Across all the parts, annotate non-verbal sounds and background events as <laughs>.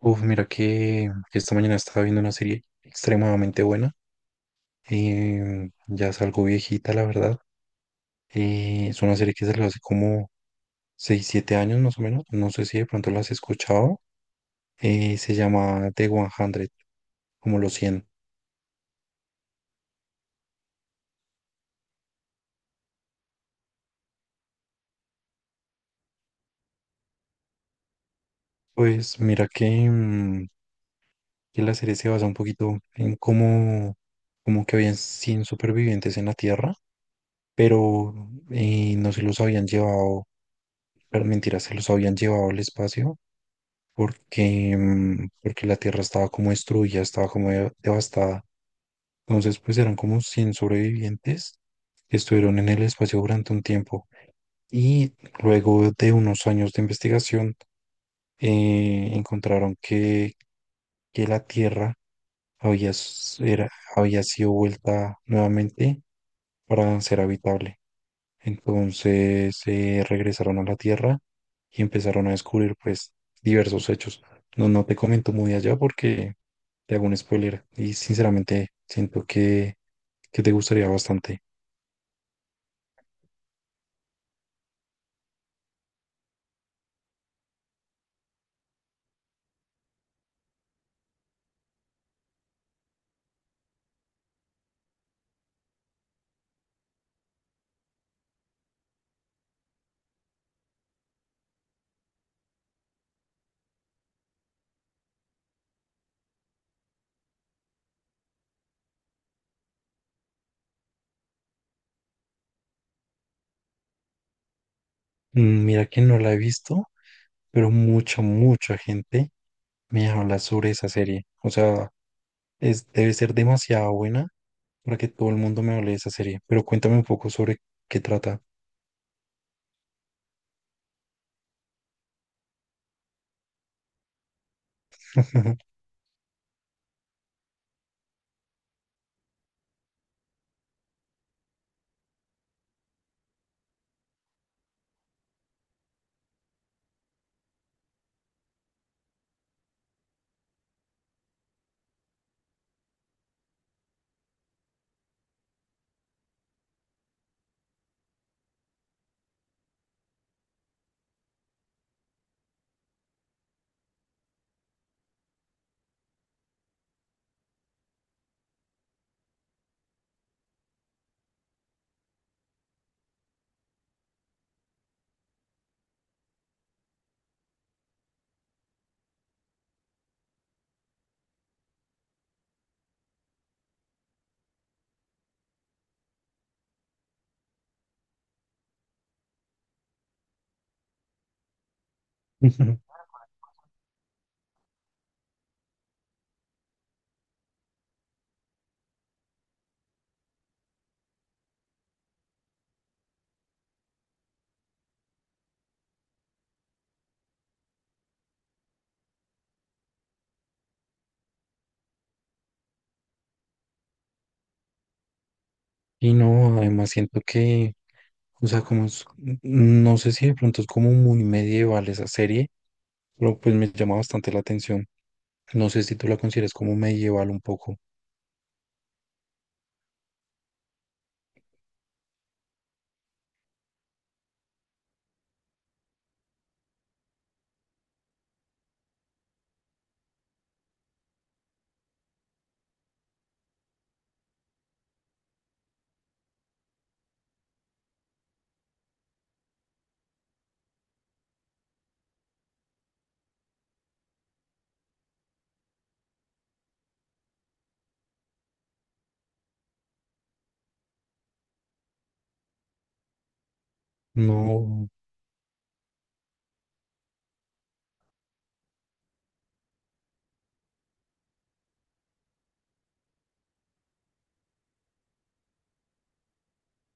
Uf, mira que esta mañana estaba viendo una serie extremadamente buena. Ya es algo viejita, la verdad. Es una serie que salió hace como 6, 7 años más o menos. No sé si de pronto la has escuchado. Se llama The 100, como los cien. Pues mira que, que la serie se basa un poquito en cómo, como que habían 100 supervivientes en la Tierra, pero no se los habían llevado, pero mentira, se los habían llevado al espacio porque, porque la tierra estaba como destruida, estaba como devastada. Entonces, pues eran como 100 sobrevivientes que estuvieron en el espacio durante un tiempo. Y luego de unos años de investigación, encontraron que la tierra había, s- era- había sido vuelta nuevamente para ser habitable. Entonces, regresaron a la tierra y empezaron a descubrir, pues, diversos hechos. No, no te comento muy allá porque te hago un spoiler y sinceramente siento que te gustaría bastante. Mm, mira que no la he visto, pero mucha gente me habla sobre esa serie. O sea, es, debe ser demasiado buena para que todo el mundo me hable de esa serie. Pero cuéntame un poco sobre qué trata. <laughs> Y no, además siento que, o sea, como no sé si de pronto es como muy medieval esa serie, pero pues me llama bastante la atención. No sé si tú la consideras como medieval un poco. No,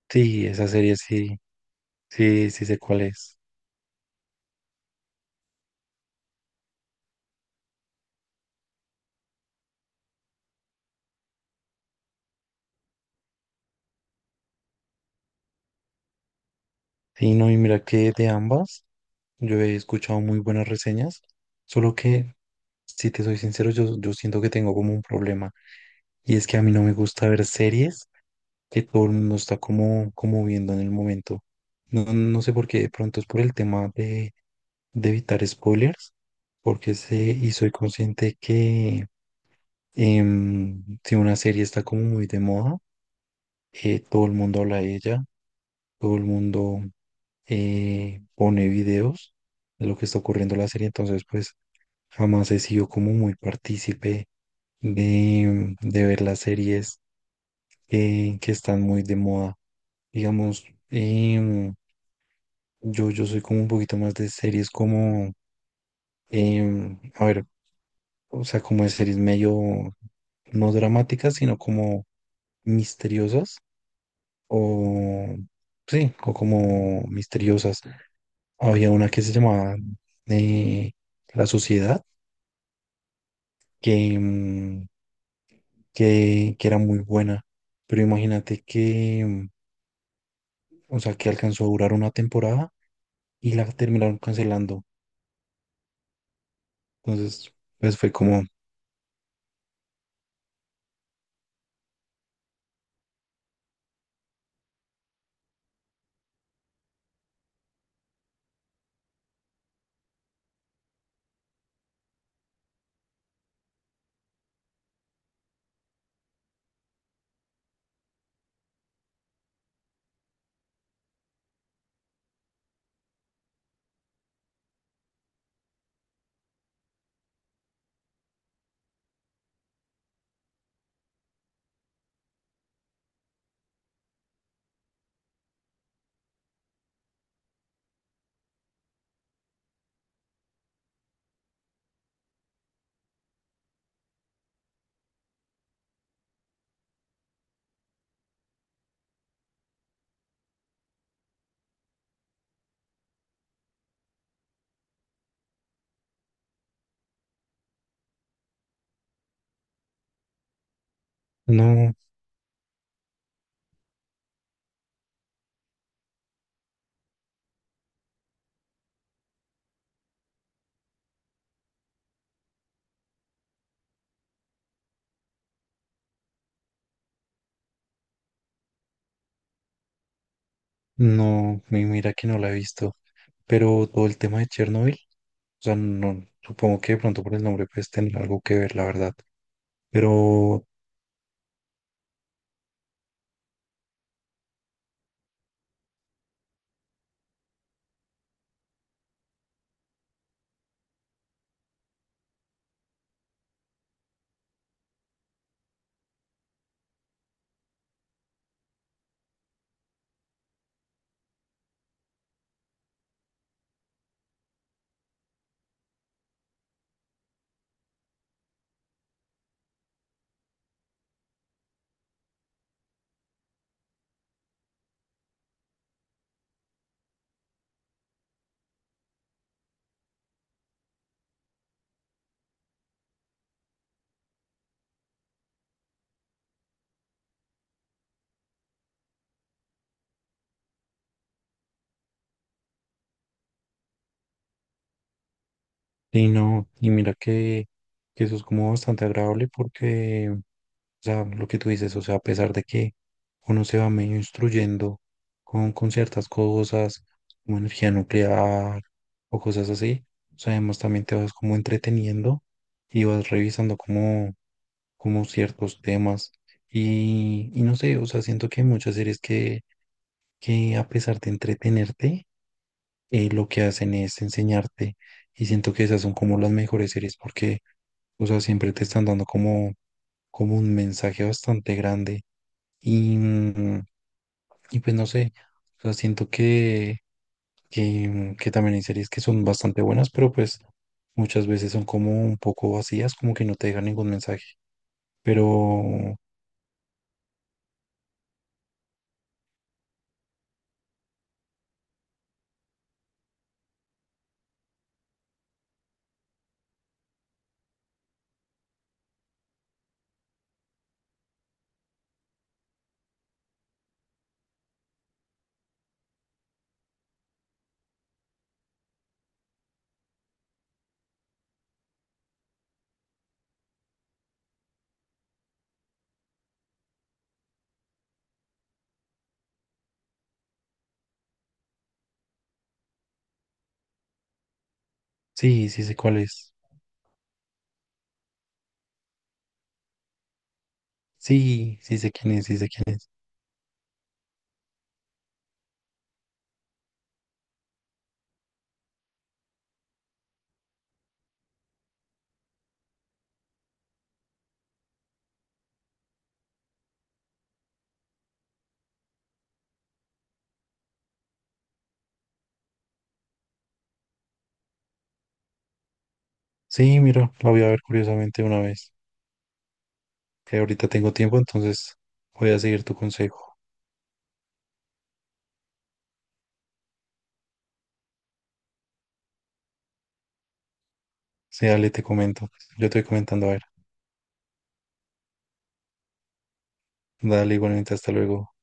sí, esa serie sí, sí, sí sé cuál es. Sí, no, y mira que de ambas yo he escuchado muy buenas reseñas, solo que, si te soy sincero, yo siento que tengo como un problema, y es que a mí no me gusta ver series que todo el mundo está como, como viendo en el momento. No, no sé por qué, de pronto es por el tema de evitar spoilers, porque sé y soy consciente que, si una serie está como muy de moda, todo el mundo habla de ella, todo el mundo pone videos de lo que está ocurriendo en la serie, entonces pues jamás he sido como muy partícipe de ver las series que están muy de moda. Digamos, em, yo soy como un poquito más de series como, a ver, o sea, como de series medio no dramáticas, sino como misteriosas o sí, o como misteriosas. Había una que se llamaba eh, La Sociedad, que, que era muy buena, pero imagínate que, o sea, que alcanzó a durar una temporada y la terminaron cancelando. Entonces, pues fue como, no. No, mi- mira que no la he visto, pero todo el tema de Chernobyl, o sea, no, supongo que de pronto por el nombre pues tener algo que ver, la verdad, pero y no, y mira que eso es como bastante agradable porque, o sea, lo que tú dices, o sea, a pesar de que uno se va medio instruyendo con ciertas cosas, como energía nuclear o cosas así, o sea, además también te vas como entreteniendo y vas revisando como, como ciertos temas y no sé, o sea, siento que hay muchas series que a pesar de entretenerte, lo que hacen es enseñarte, y siento que esas son como las mejores series porque, o sea, siempre te están dando como, como un mensaje bastante grande y, y pues no sé, o sea, siento que, que también hay series que son bastante buenas, pero pues muchas veces son como un poco vacías, como que no te dejan ningún mensaje, pero sí, sí sé cuál es. Sí, sí sé quién es, sí sé quién es. Sí, mira, la voy a ver curiosamente una vez, que ahorita tengo tiempo, entonces voy a seguir tu consejo. Sí, dale, te comento. Yo te voy comentando, a ver. Dale, igualmente, hasta luego.